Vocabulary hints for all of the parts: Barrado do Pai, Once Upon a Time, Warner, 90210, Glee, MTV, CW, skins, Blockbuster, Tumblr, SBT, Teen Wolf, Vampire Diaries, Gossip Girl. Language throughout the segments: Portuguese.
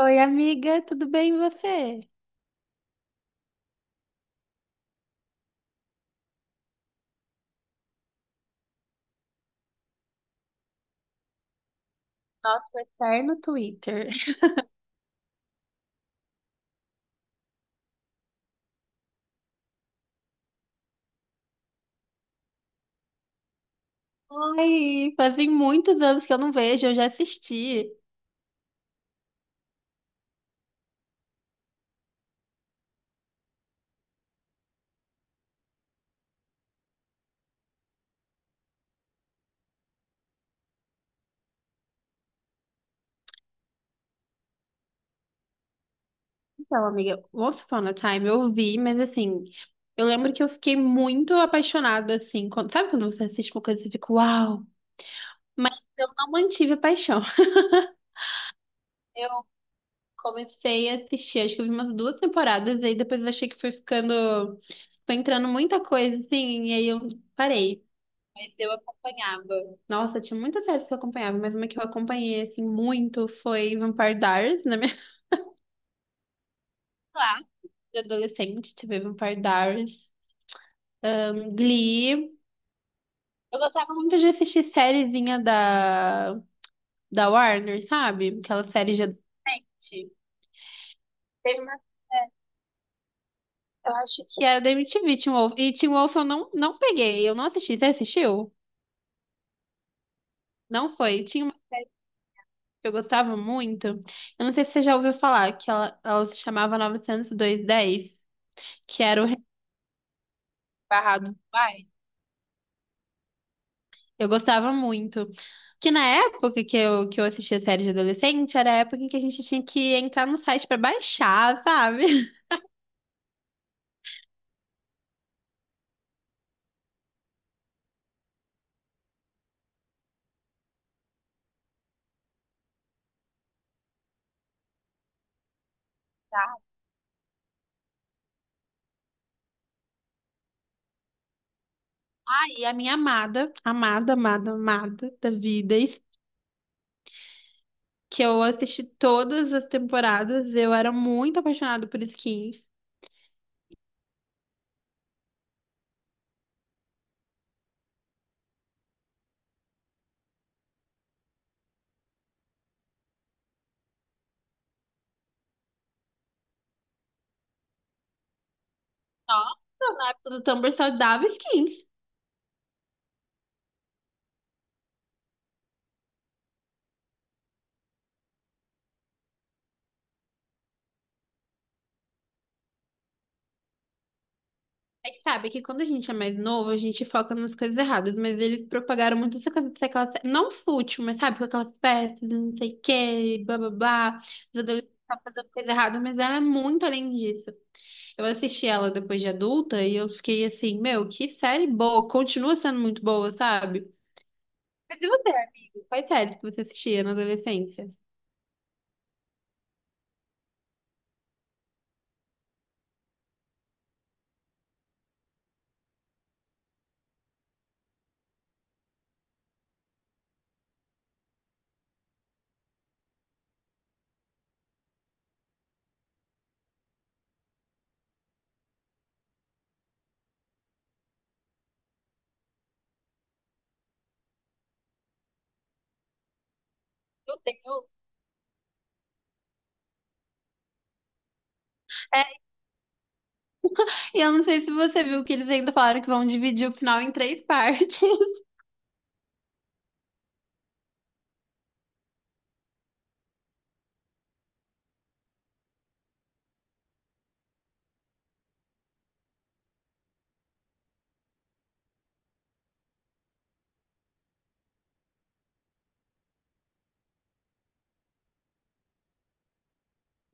Oi, amiga, tudo bem e você? Nossa, o eterno Twitter. Ai, fazem muitos anos que eu não vejo, eu já assisti. Então, amiga, Once Upon a Time eu vi, mas assim, eu lembro que eu fiquei muito apaixonada, assim, sabe quando você assiste uma coisa e você fica, uau! Mas eu não mantive a paixão. Eu comecei a assistir, acho que eu vi umas duas temporadas, e aí depois eu achei que foi ficando, foi entrando muita coisa, assim, e aí eu parei. Mas eu acompanhava. Nossa, tinha muitas séries que eu acompanhava, mas uma que eu acompanhei, assim, muito foi Vampire Diaries, na minha Lá, de adolescente, tive Vampire Diaries, Glee. Eu gostava muito de assistir sériezinha da Warner, sabe? Aquela série de adolescente. Teve uma, eu acho que era da MTV, Teen Wolf. E Teen Wolf eu não peguei, eu não assisti. Você assistiu? Não foi. Tinha uma série que eu gostava muito. Eu não sei se você já ouviu falar, que ela se chamava 90210, que era o Barrado do Pai. Eu gostava muito. Que na época que eu assistia série de adolescente, era a época em que a gente tinha que entrar no site pra baixar, sabe? Aí a minha amada, amada, amada, amada da vida, que eu assisti todas as temporadas, eu era muito apaixonada por skins. Nossa, na época do Tumblr só dava skins. É que sabe que quando a gente é mais novo, a gente foca nas coisas erradas, mas eles propagaram muito essa coisa de ser aquela, não fútil, mas sabe, com aquelas peças, não sei o quê, blá blá blá, os adolescentes estão fazendo coisa errada, mas ela é muito além disso. Eu assisti ela depois de adulta e eu fiquei assim, meu, que série boa, continua sendo muito boa, sabe? Mas e você, amigo? Quais séries que você assistia na adolescência? Eu tenho. É, e eu não sei se você viu que eles ainda falaram que vão dividir o final em três partes.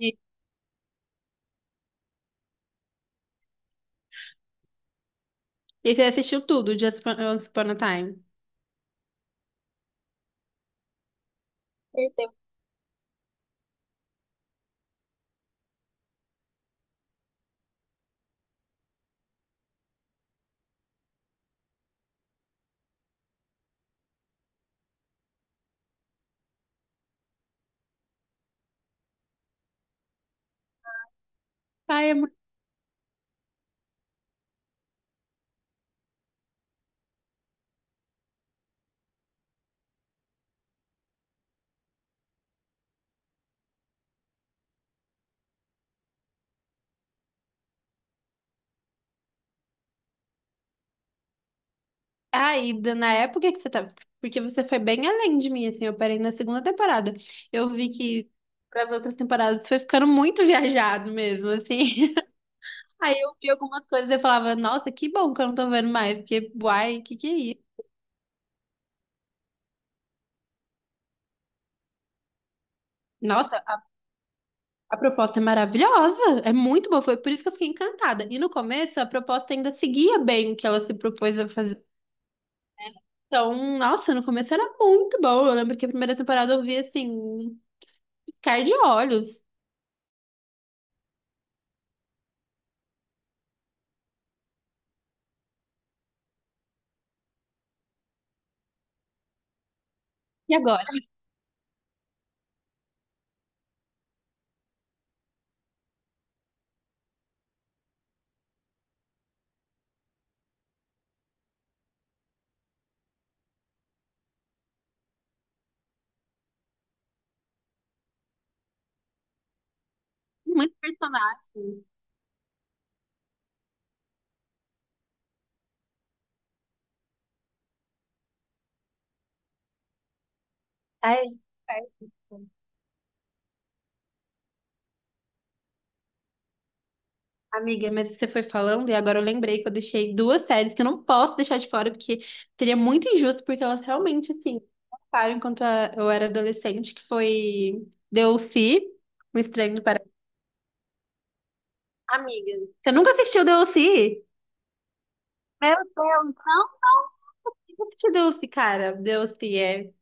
E você assistiu tudo, Just Upon Once Upon a Time. Perdeu. Ai, é muito. Ai, na época que você tava. Porque você foi bem além de mim, assim. Eu parei na segunda temporada. Eu vi que para as outras temporadas foi ficando muito viajado mesmo, assim. Aí eu vi algumas coisas e eu falava, nossa, que bom que eu não tô vendo mais. Porque, uai, que é isso? Nossa, a proposta é maravilhosa. É muito boa. Foi por isso que eu fiquei encantada. E no começo, a proposta ainda seguia bem o que ela se propôs a fazer. Então, nossa, no começo era muito bom. Eu lembro que a primeira temporada eu vi assim, ficar de olhos. E agora? Muitos personagens. Ai, a gente perde isso. Amiga, mas você foi falando e agora eu lembrei que eu deixei duas séries que eu não posso deixar de fora, porque seria muito injusto, porque elas realmente, assim, passaram enquanto eu era adolescente, que foi DLC, Um Estranho no Paraíso. Amiga, você nunca assistiu DLC? Meu Deus, não? Por que nunca assistiu DLC, cara. DLC é,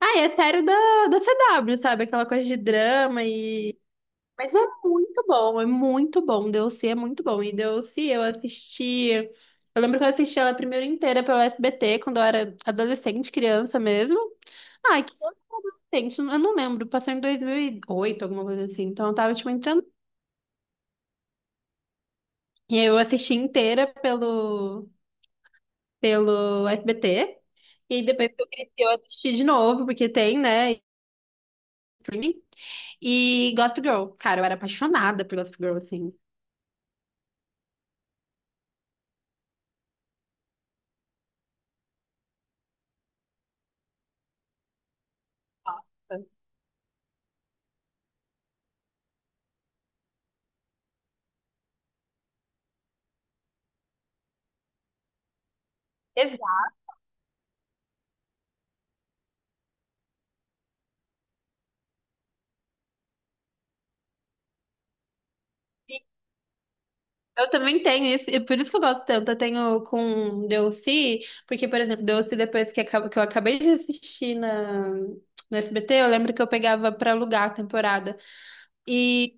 ah, é sério da CW, sabe? Aquela coisa de drama e. Mas é muito bom, é muito bom. Deus se é muito bom. E Deus se eu assisti. Eu lembro que eu assisti ela primeiro inteira pelo SBT, quando eu era adolescente, criança mesmo. Ai, que adolescente, eu não lembro. Passou em 2008, alguma coisa assim. Então eu tava, tipo, entrando. E aí eu assisti inteira pelo SBT. E aí depois que eu cresci, eu assisti de novo, porque tem, né? Streaming. E Gossip Girl, cara, eu era apaixonada por Gossip Girl, assim. Nossa. Exato. Eu também tenho isso, e por isso que eu gosto tanto. Eu tenho com Deussi, porque, por exemplo, Deussi, depois que que eu acabei de assistir no SBT, eu lembro que eu pegava pra alugar a temporada. E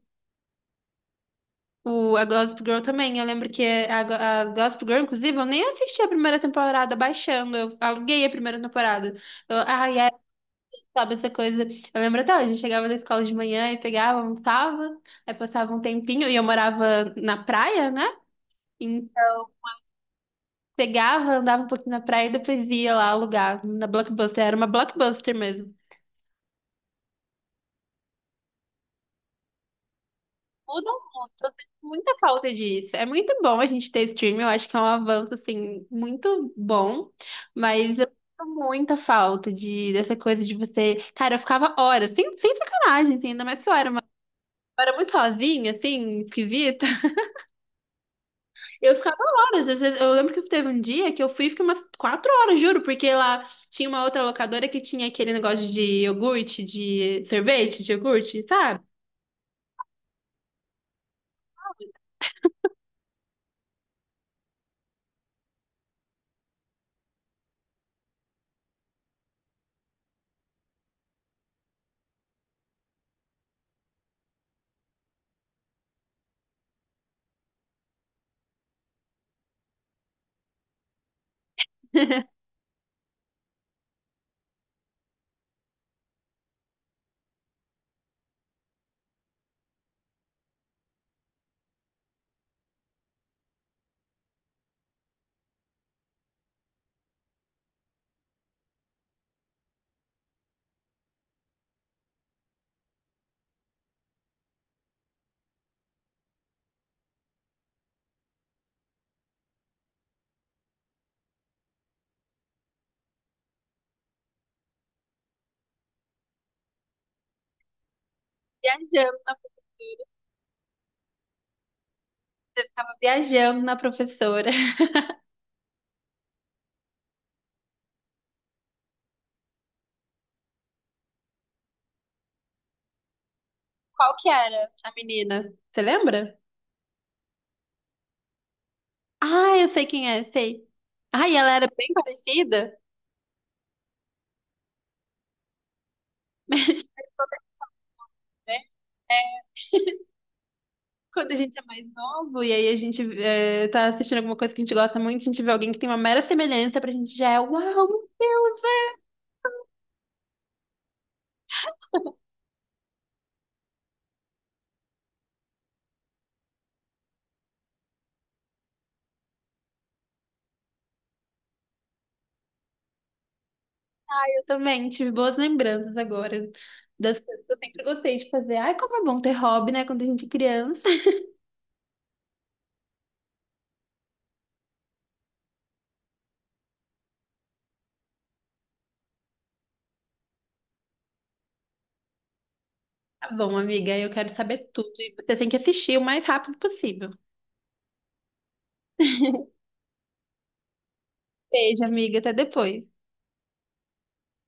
a Gossip Girl também. Eu lembro que a Gossip Girl, inclusive, eu nem assisti a primeira temporada baixando, eu aluguei a primeira temporada. Eu, ai, sabe essa coisa? Eu lembro até hoje, eu chegava da escola de manhã e pegava, almoçava, aí passava um tempinho e eu morava na praia, né? E pegava, andava um pouquinho na praia e depois ia lá alugar na Blockbuster. Era uma Blockbuster mesmo. Mudam muito, eu sinto muita falta disso. É muito bom a gente ter streaming, eu acho que é um avanço, assim, muito bom, mas eu sinto muita falta dessa coisa de você. Cara, eu ficava horas, sem sacanagem, assim, ainda mais que eu era uma. Eu era muito sozinha, assim, esquisita. Eu ficava horas. Eu lembro que teve um dia que eu fui e fiquei umas 4 horas, juro, porque lá tinha uma outra locadora que tinha aquele negócio de iogurte, de sorvete, de iogurte, sabe? Viajando, na- eu ficava viajando na professora. Qual que era a menina? Você lembra? Ah, eu sei quem é, sei. Ah, e ela era bem parecida, né? É, quando a gente é mais novo e aí a gente tá assistindo alguma coisa que a gente gosta muito, a gente vê alguém que tem uma mera semelhança pra gente já é, uau. Também tive boas lembranças agora das coisas que eu sempre gostei de fazer. Ai, como é bom ter hobby, né? Quando a gente é criança. Tá bom, amiga, eu quero saber tudo e você tem que assistir o mais rápido possível. Beijo, amiga, até depois.